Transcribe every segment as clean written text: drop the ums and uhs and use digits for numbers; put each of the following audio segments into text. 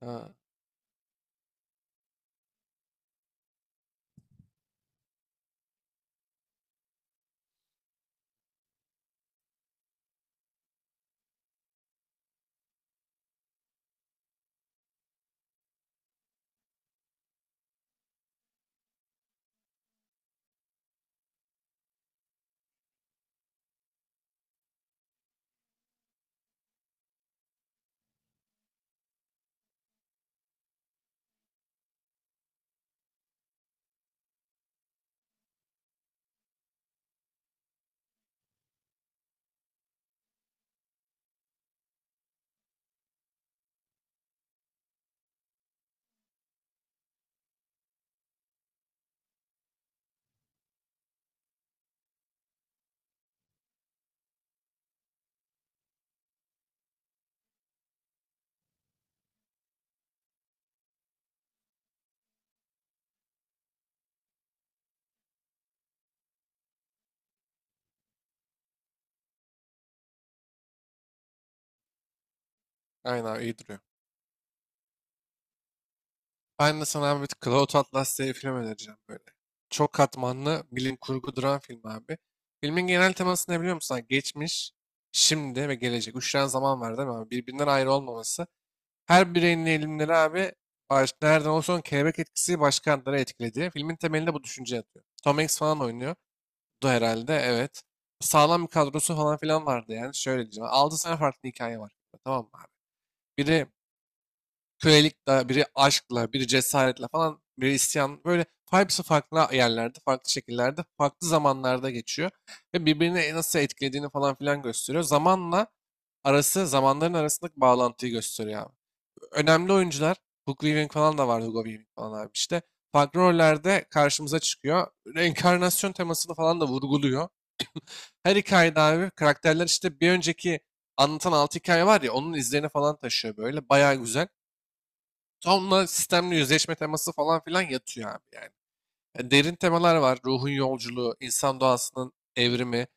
Ha, aynen abi, iyi duruyor. Ben de sana abi bir Cloud Atlas diye bir film önereceğim böyle. Çok katmanlı bilim kurgu duran film abi. Filmin genel teması ne biliyor musun abi? Geçmiş, şimdi ve gelecek. Üç tane zaman var değil mi abi? Birbirinden ayrı olmaması. Her bireyin eğilimleri abi baş, nereden olsa olsun kelebek etkisi başkanları etkiledi. Filmin temelinde bu düşünce yatıyor. Tom Hanks falan oynuyor. Bu herhalde evet. Sağlam bir kadrosu falan filan vardı yani. Şöyle diyeceğim. 6 tane farklı hikaye var. Tamam mı abi? Biri kölelikle, biri aşkla, biri cesaretle falan, biri isyan. Böyle hepsi farklı yerlerde, farklı şekillerde, farklı zamanlarda geçiyor. Ve birbirini nasıl etkilediğini falan filan gösteriyor. Zamanla arası, zamanların arasındaki bağlantıyı gösteriyor abi. Önemli oyuncular, Hugo Weaving falan da vardı, Hugo Weaving falan abi işte. Farklı rollerde karşımıza çıkıyor. Reenkarnasyon temasını falan da vurguluyor. Her hikayede abi karakterler işte bir önceki anlatan altı hikaye var ya onun izlerini falan taşıyor böyle. Bayağı güzel. Sonra sistemli yüzleşme teması falan filan yatıyor abi yani. Derin temalar var. Ruhun yolculuğu, insan doğasının evrimi,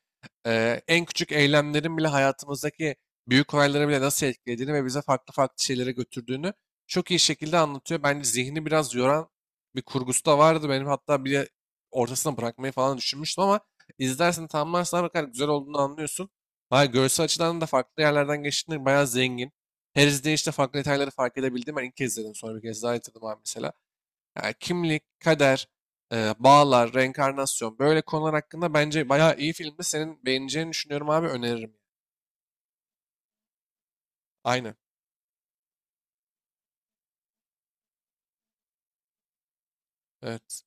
en küçük eylemlerin bile hayatımızdaki büyük olayları bile nasıl etkilediğini ve bize farklı farklı şeylere götürdüğünü çok iyi şekilde anlatıyor. Bence zihni biraz yoran bir kurgusu da vardı. Benim hatta bir ortasına bırakmayı falan düşünmüştüm ama izlersen tamamlarsan ne kadar güzel olduğunu anlıyorsun. Hayır, görsel açıdan da farklı yerlerden geçtiğinde bayağı zengin. Her izleyişte farklı detayları fark edebildim. Ben ilk kez izledim sonra bir kez daha izledim abi mesela. Yani kimlik, kader, bağlar, reenkarnasyon böyle konular hakkında bence bayağı iyi filmdi. Senin beğeneceğini düşünüyorum abi, öneririm. Aynen. Evet.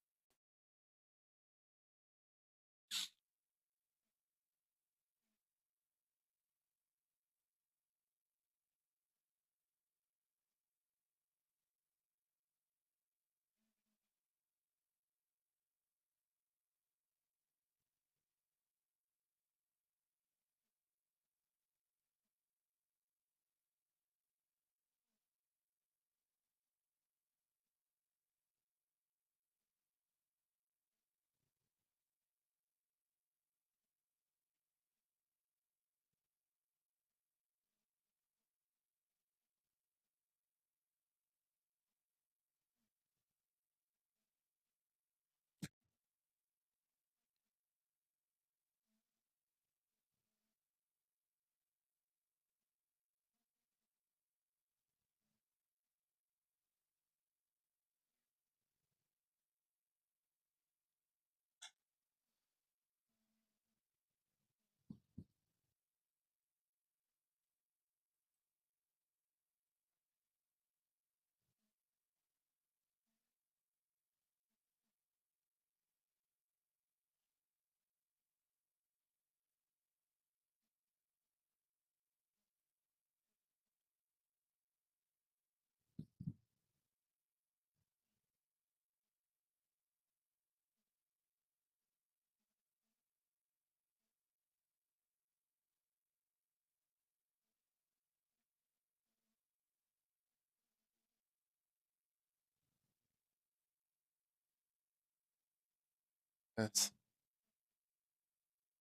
Evet.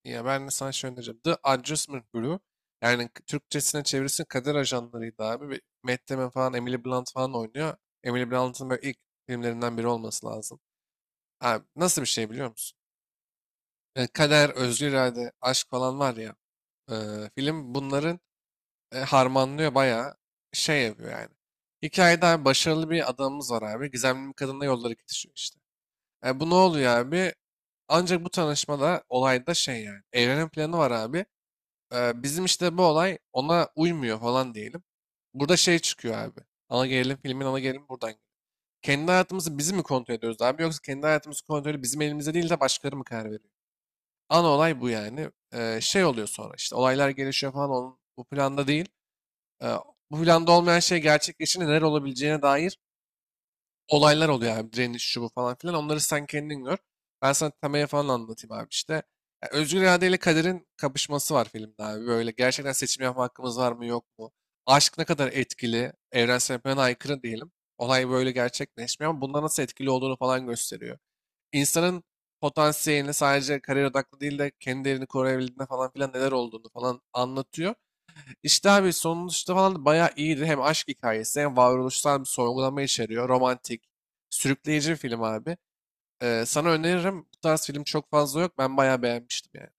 Ya ben de sana şey önereceğim. The Adjustment Bureau. Yani Türkçesine çevirisi kader ajanlarıydı abi. Bir Matt Damon falan, Emily Blunt falan oynuyor. Emily Blunt'ın böyle ilk filmlerinden biri olması lazım. Abi nasıl bir şey biliyor musun? E, kader, özgür irade, aşk falan var ya. e, Film bunların harmanlıyor, bayağı şey yapıyor yani. Hikayede abi başarılı bir adamımız var abi. Gizemli bir kadınla yolları kesişiyor işte. E, bu ne oluyor abi? Ancak bu tanışmada olayda şey yani. Evrenin planı var abi. E, bizim işte bu olay ona uymuyor falan diyelim. Burada şey çıkıyor abi. Ana gerilim, filmin ana gerilimi buradan geliyor. Kendi hayatımızı biz mi kontrol ediyoruz abi, yoksa kendi hayatımızın kontrolü bizim elimizde değil de başkaları mı karar veriyor? Ana olay bu yani. E, şey oluyor sonra işte olaylar gelişiyor falan, onun bu planda değil. Ee, Bu planda olmayan şey gerçekleşince neler olabileceğine dair olaylar oluyor abi. Direniş, şu bu falan filan. Onları sen kendin gör. Ben sana temaya falan anlatayım abi işte. Ya, özgür irade ile kaderin kapışması var filmde abi. Böyle gerçekten seçim yapma hakkımız var mı yok mu? Aşk ne kadar etkili? Evrensel yapıya aykırı diyelim. Olay böyle gerçekleşmiyor ama bunlar nasıl etkili olduğunu falan gösteriyor. İnsanın potansiyelini sadece kariyer odaklı değil de kendi değerini koruyabildiğinde falan filan neler olduğunu falan anlatıyor. İşte abi sonuçta falan da bayağı iyiydi. Hem aşk hikayesi hem varoluşsal bir sorgulama içeriyor. Romantik, sürükleyici bir film abi. Sana öneririm. Bu tarz film çok fazla yok. Ben bayağı beğenmiştim yani.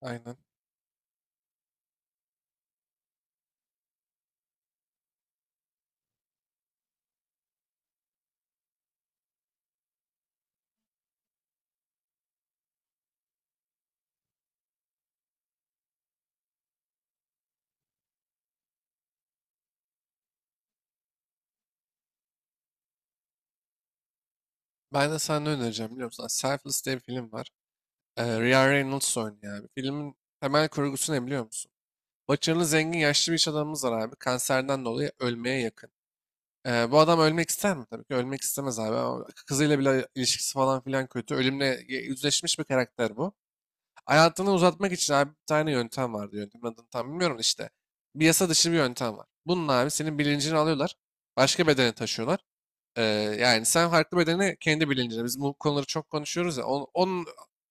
Aynen. Ben de sana ne önereceğim biliyor musun? Selfless diye bir film var. Ryan Reynolds oynuyor abi. Filmin temel kurgusu ne biliyor musun? Başarılı, zengin, yaşlı bir iş adamımız var abi. Kanserden dolayı ölmeye yakın. Bu adam ölmek ister mi? Tabii ki ölmek istemez abi. Ama kızıyla bile ilişkisi falan filan kötü. Ölümle yüzleşmiş bir karakter bu. Hayatını uzatmak için abi bir tane yöntem vardı. Yöntemin adını tam bilmiyorum da işte. Bir yasa dışı bir yöntem var. Bunun abi senin bilincini alıyorlar. Başka bedene taşıyorlar. Ee, Yani sen farklı bedene, kendi bilincine. Biz bu konuları çok konuşuyoruz ya. Onun,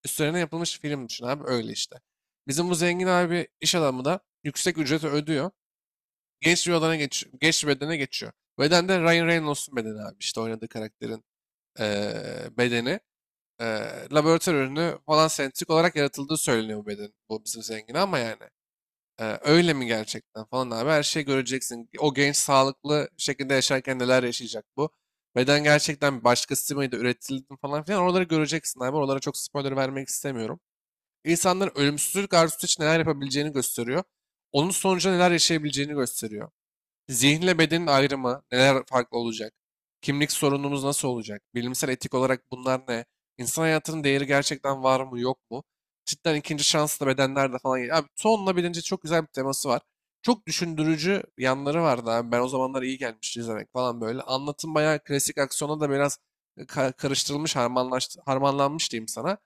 üstlerine yapılmış film düşün abi öyle işte. Bizim bu zengin abi iş adamı da yüksek ücreti ödüyor. Genç bir odana geç, genç bir bedene geçiyor. Beden de Ryan Reynolds'un bedeni abi, işte oynadığı karakterin bedeni, laboratuvar ürünü falan sentetik olarak yaratıldığı söyleniyor bu beden. Bu bizim zengin ama yani. Öyle mi gerçekten falan abi, her şeyi göreceksin. O genç sağlıklı şekilde yaşarken neler yaşayacak bu. Beden gerçekten başkası mıydı, üretildi mi falan filan, oraları göreceksin abi. Oralara çok spoiler vermek istemiyorum. İnsanların ölümsüzlük arzusu için neler yapabileceğini gösteriyor. Onun sonucu neler yaşayabileceğini gösteriyor. Zihinle bedenin ayrımı neler farklı olacak? Kimlik sorunumuz nasıl olacak? Bilimsel etik olarak bunlar ne? İnsan hayatının değeri gerçekten var mı yok mu? Cidden ikinci şanslı bedenler de falan geliyor. Abi tonla bilince çok güzel bir teması var. Çok düşündürücü yanları vardı abi. Ben o zamanlar iyi gelmişti izlemek falan böyle. Anlatım bayağı klasik aksiyona da biraz karıştırılmış, harmanlanmış diyeyim sana.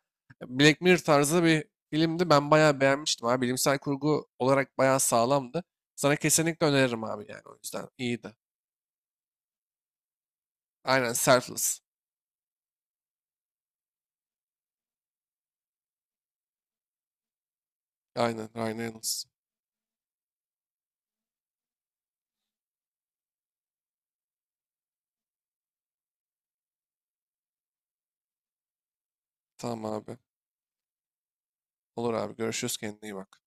Black Mirror tarzı bir filmdi. Ben bayağı beğenmiştim abi. Bilimsel kurgu olarak bayağı sağlamdı. Sana kesinlikle öneririm abi yani o yüzden. İyiydi. Aynen, Selfless. Aynen, Ryan Reynolds. Tamam abi. Olur abi. Görüşürüz. Kendine iyi bak.